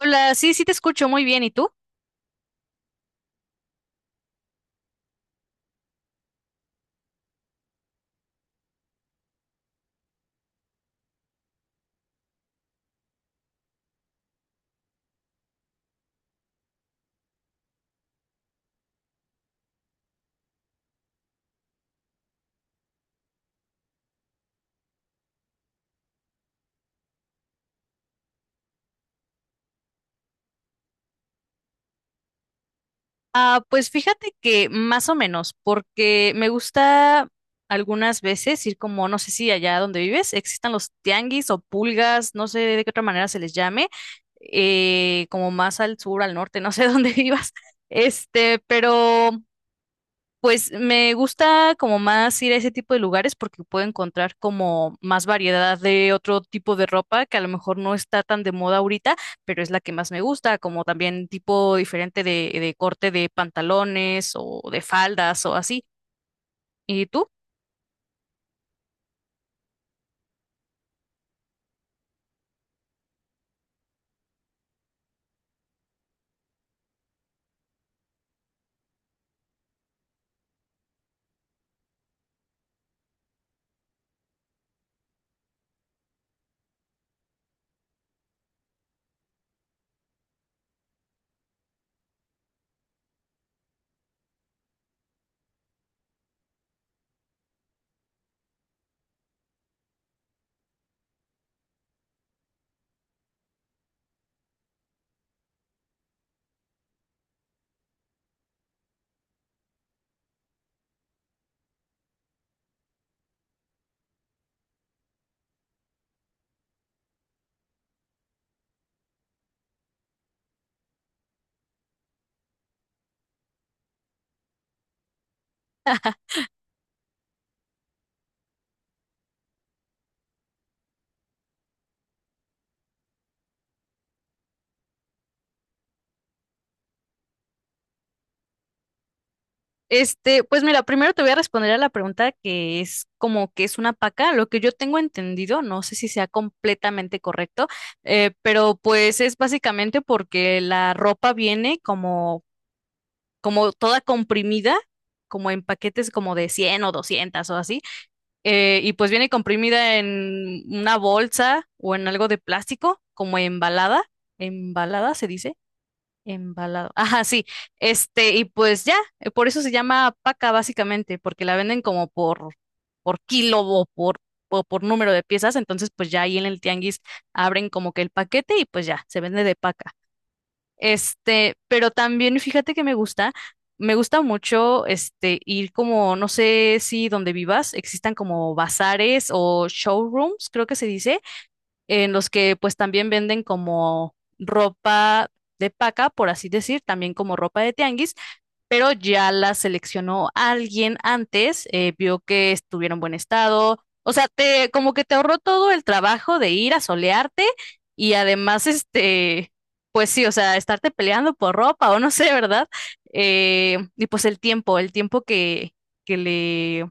Hola, sí, sí te escucho muy bien. ¿Y tú? Ah, pues fíjate que más o menos, porque me gusta algunas veces ir como, no sé si allá donde vives existan los tianguis o pulgas, no sé de qué otra manera se les llame, como más al sur, al norte, no sé dónde vivas. Este, pero Pues me gusta como más ir a ese tipo de lugares porque puedo encontrar como más variedad de otro tipo de ropa que a lo mejor no está tan de moda ahorita, pero es la que más me gusta, como también tipo diferente de corte de pantalones o de faldas o así. ¿Y tú? Pues mira, primero te voy a responder a la pregunta que es como que es una paca. Lo que yo tengo entendido, no sé si sea completamente correcto, pero pues es básicamente porque la ropa viene como toda comprimida, como en paquetes como de 100 o 200 o así, y pues viene comprimida en una bolsa o en algo de plástico, como embalada, embalada se dice, embalado, ajá, sí, este, y pues ya, por eso se llama paca básicamente, porque la venden como por kilo o por número de piezas. Entonces pues ya ahí en el tianguis abren como que el paquete y pues ya, se vende de paca. Este, pero también fíjate que me gusta mucho este ir como, no sé si donde vivas existan como bazares o showrooms, creo que se dice, en los que pues también venden como ropa de paca, por así decir, también como ropa de tianguis, pero ya las seleccionó alguien antes, vio que estuvieron en buen estado. O sea, te, como que te ahorró todo el trabajo de ir a solearte y además, este, pues sí, o sea, estarte peleando por ropa o no sé, ¿verdad? Y pues el tiempo, que le,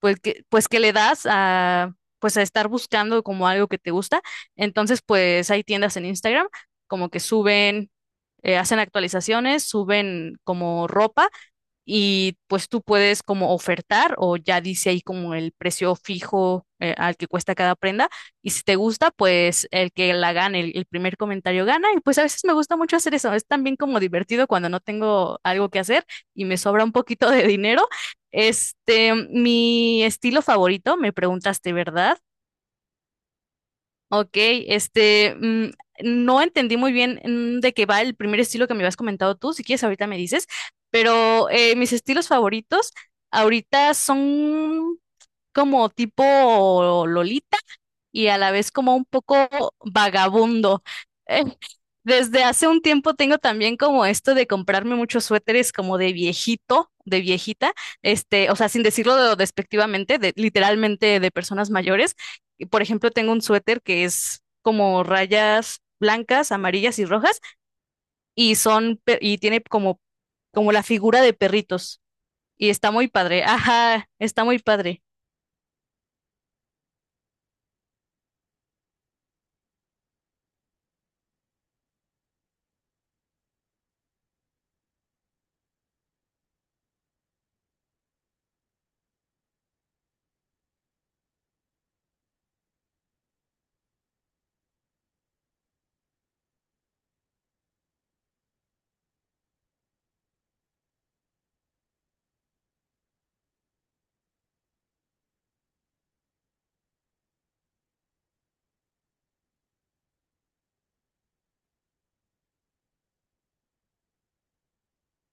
pues pues que le das a, pues a estar buscando como algo que te gusta. Entonces, pues hay tiendas en Instagram como que suben, hacen actualizaciones, suben como ropa y pues tú puedes como ofertar o ya dice ahí como el precio fijo al que cuesta cada prenda, y si te gusta pues el que la gane, el primer comentario gana. Y pues a veces me gusta mucho hacer eso, es también como divertido cuando no tengo algo que hacer y me sobra un poquito de dinero. Este, mi estilo favorito, me preguntaste, ¿verdad? Ok, este, no entendí muy bien, de qué va el primer estilo que me habías comentado tú. Si quieres ahorita me dices, pero mis estilos favoritos ahorita son como tipo Lolita y a la vez como un poco vagabundo. Eh, Desde hace un tiempo tengo también como esto de comprarme muchos suéteres como de viejito, de viejita, este, o sea, sin decirlo despectivamente, de, literalmente de personas mayores. Y, por ejemplo, tengo un suéter que es como rayas blancas, amarillas y rojas y tiene como como la figura de perritos, y está muy padre. Ajá, está muy padre.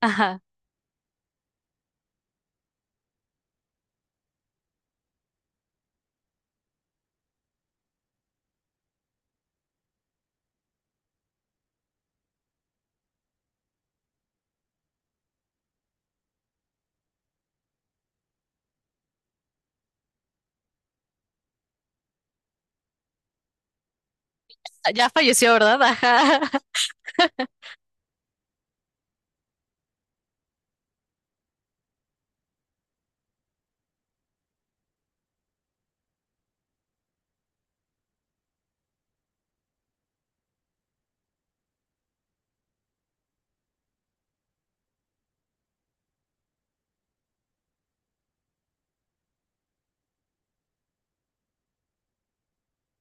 Ajá. Ya falleció, ¿verdad? Ajá.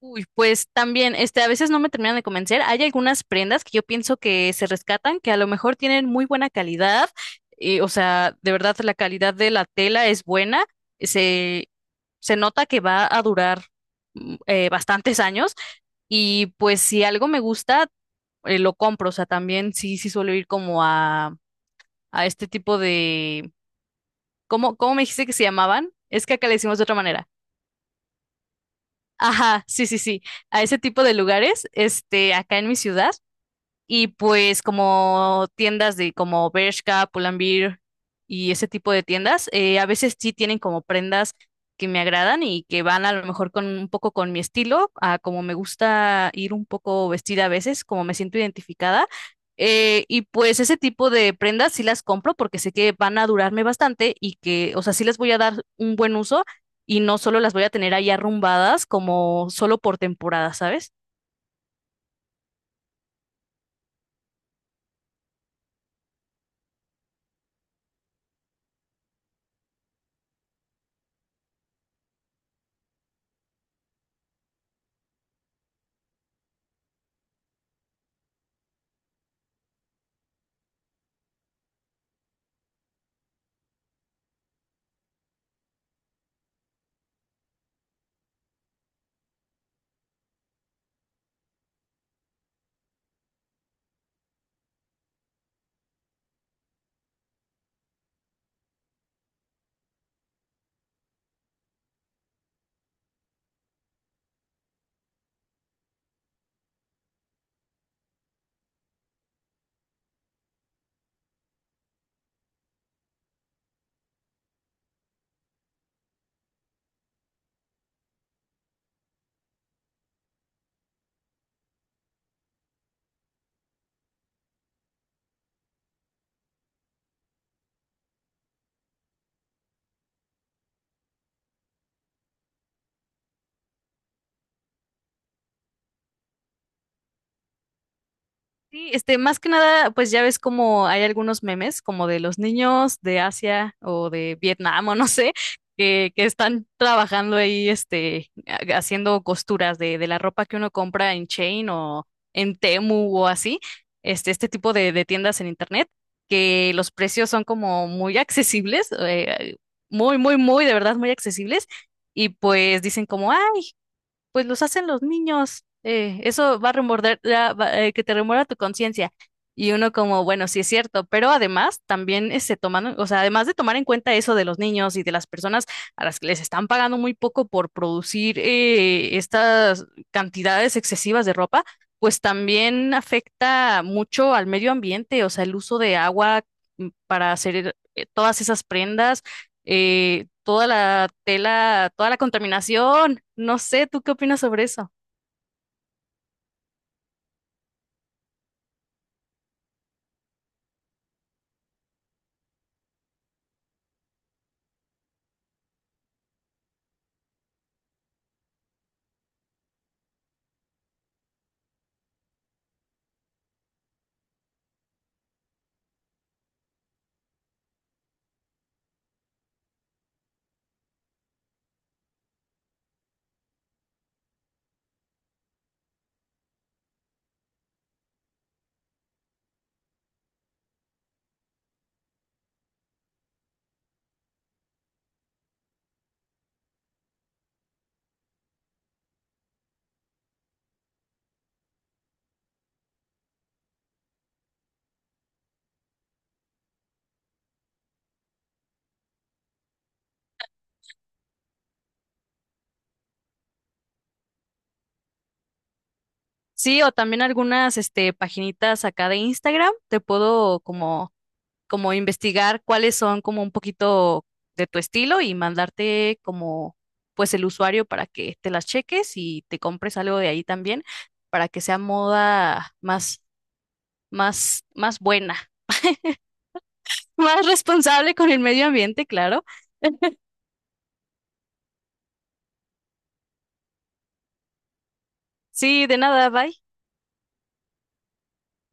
Uy, pues también, este, a veces no me terminan de convencer. Hay algunas prendas que yo pienso que se rescatan, que a lo mejor tienen muy buena calidad, o sea, de verdad la calidad de la tela es buena, se, se nota que va a durar bastantes años. Y pues si algo me gusta, lo compro. O sea, también sí, sí suelo ir como a este tipo de, ¿cómo, cómo me dijiste que se llamaban? Es que acá le decimos de otra manera. Ajá, sí, sí, sí, a ese tipo de lugares, este, acá en mi ciudad. Y pues como tiendas de como Bershka, Pull&Bear y ese tipo de tiendas, a veces sí tienen como prendas que me agradan y que van a lo mejor con un poco con mi estilo, a como me gusta ir un poco vestida a veces, como me siento identificada. Y pues ese tipo de prendas sí las compro porque sé que van a durarme bastante, y que, o sea, sí les voy a dar un buen uso y no solo las voy a tener ahí arrumbadas como solo por temporada, ¿sabes? Sí, este, más que nada, pues ya ves como hay algunos memes, como de los niños de Asia o de Vietnam o no sé, que están trabajando ahí, este, haciendo costuras de la ropa que uno compra en Chain o en Temu o así, este tipo de tiendas en internet, que los precios son como muy accesibles, muy, muy, muy, de verdad, muy accesibles. Y pues dicen como, ah, pues los hacen los niños. Eso va a remorder, que te remuerda tu conciencia. Y uno como, bueno, sí es cierto, pero además también se toman, o sea, además de tomar en cuenta eso de los niños y de las personas a las que les están pagando muy poco por producir, estas cantidades excesivas de ropa, pues también afecta mucho al medio ambiente, o sea, el uso de agua, para hacer todas esas prendas, toda la tela, toda la contaminación. No sé, ¿tú qué opinas sobre eso? Sí, o también algunas, este, paginitas acá de Instagram, te puedo como, como investigar cuáles son como un poquito de tu estilo y mandarte como, pues el usuario para que te las cheques y te compres algo de ahí también, para que sea moda más, más, más buena, más responsable con el medio ambiente, claro. Sí, de nada, bye.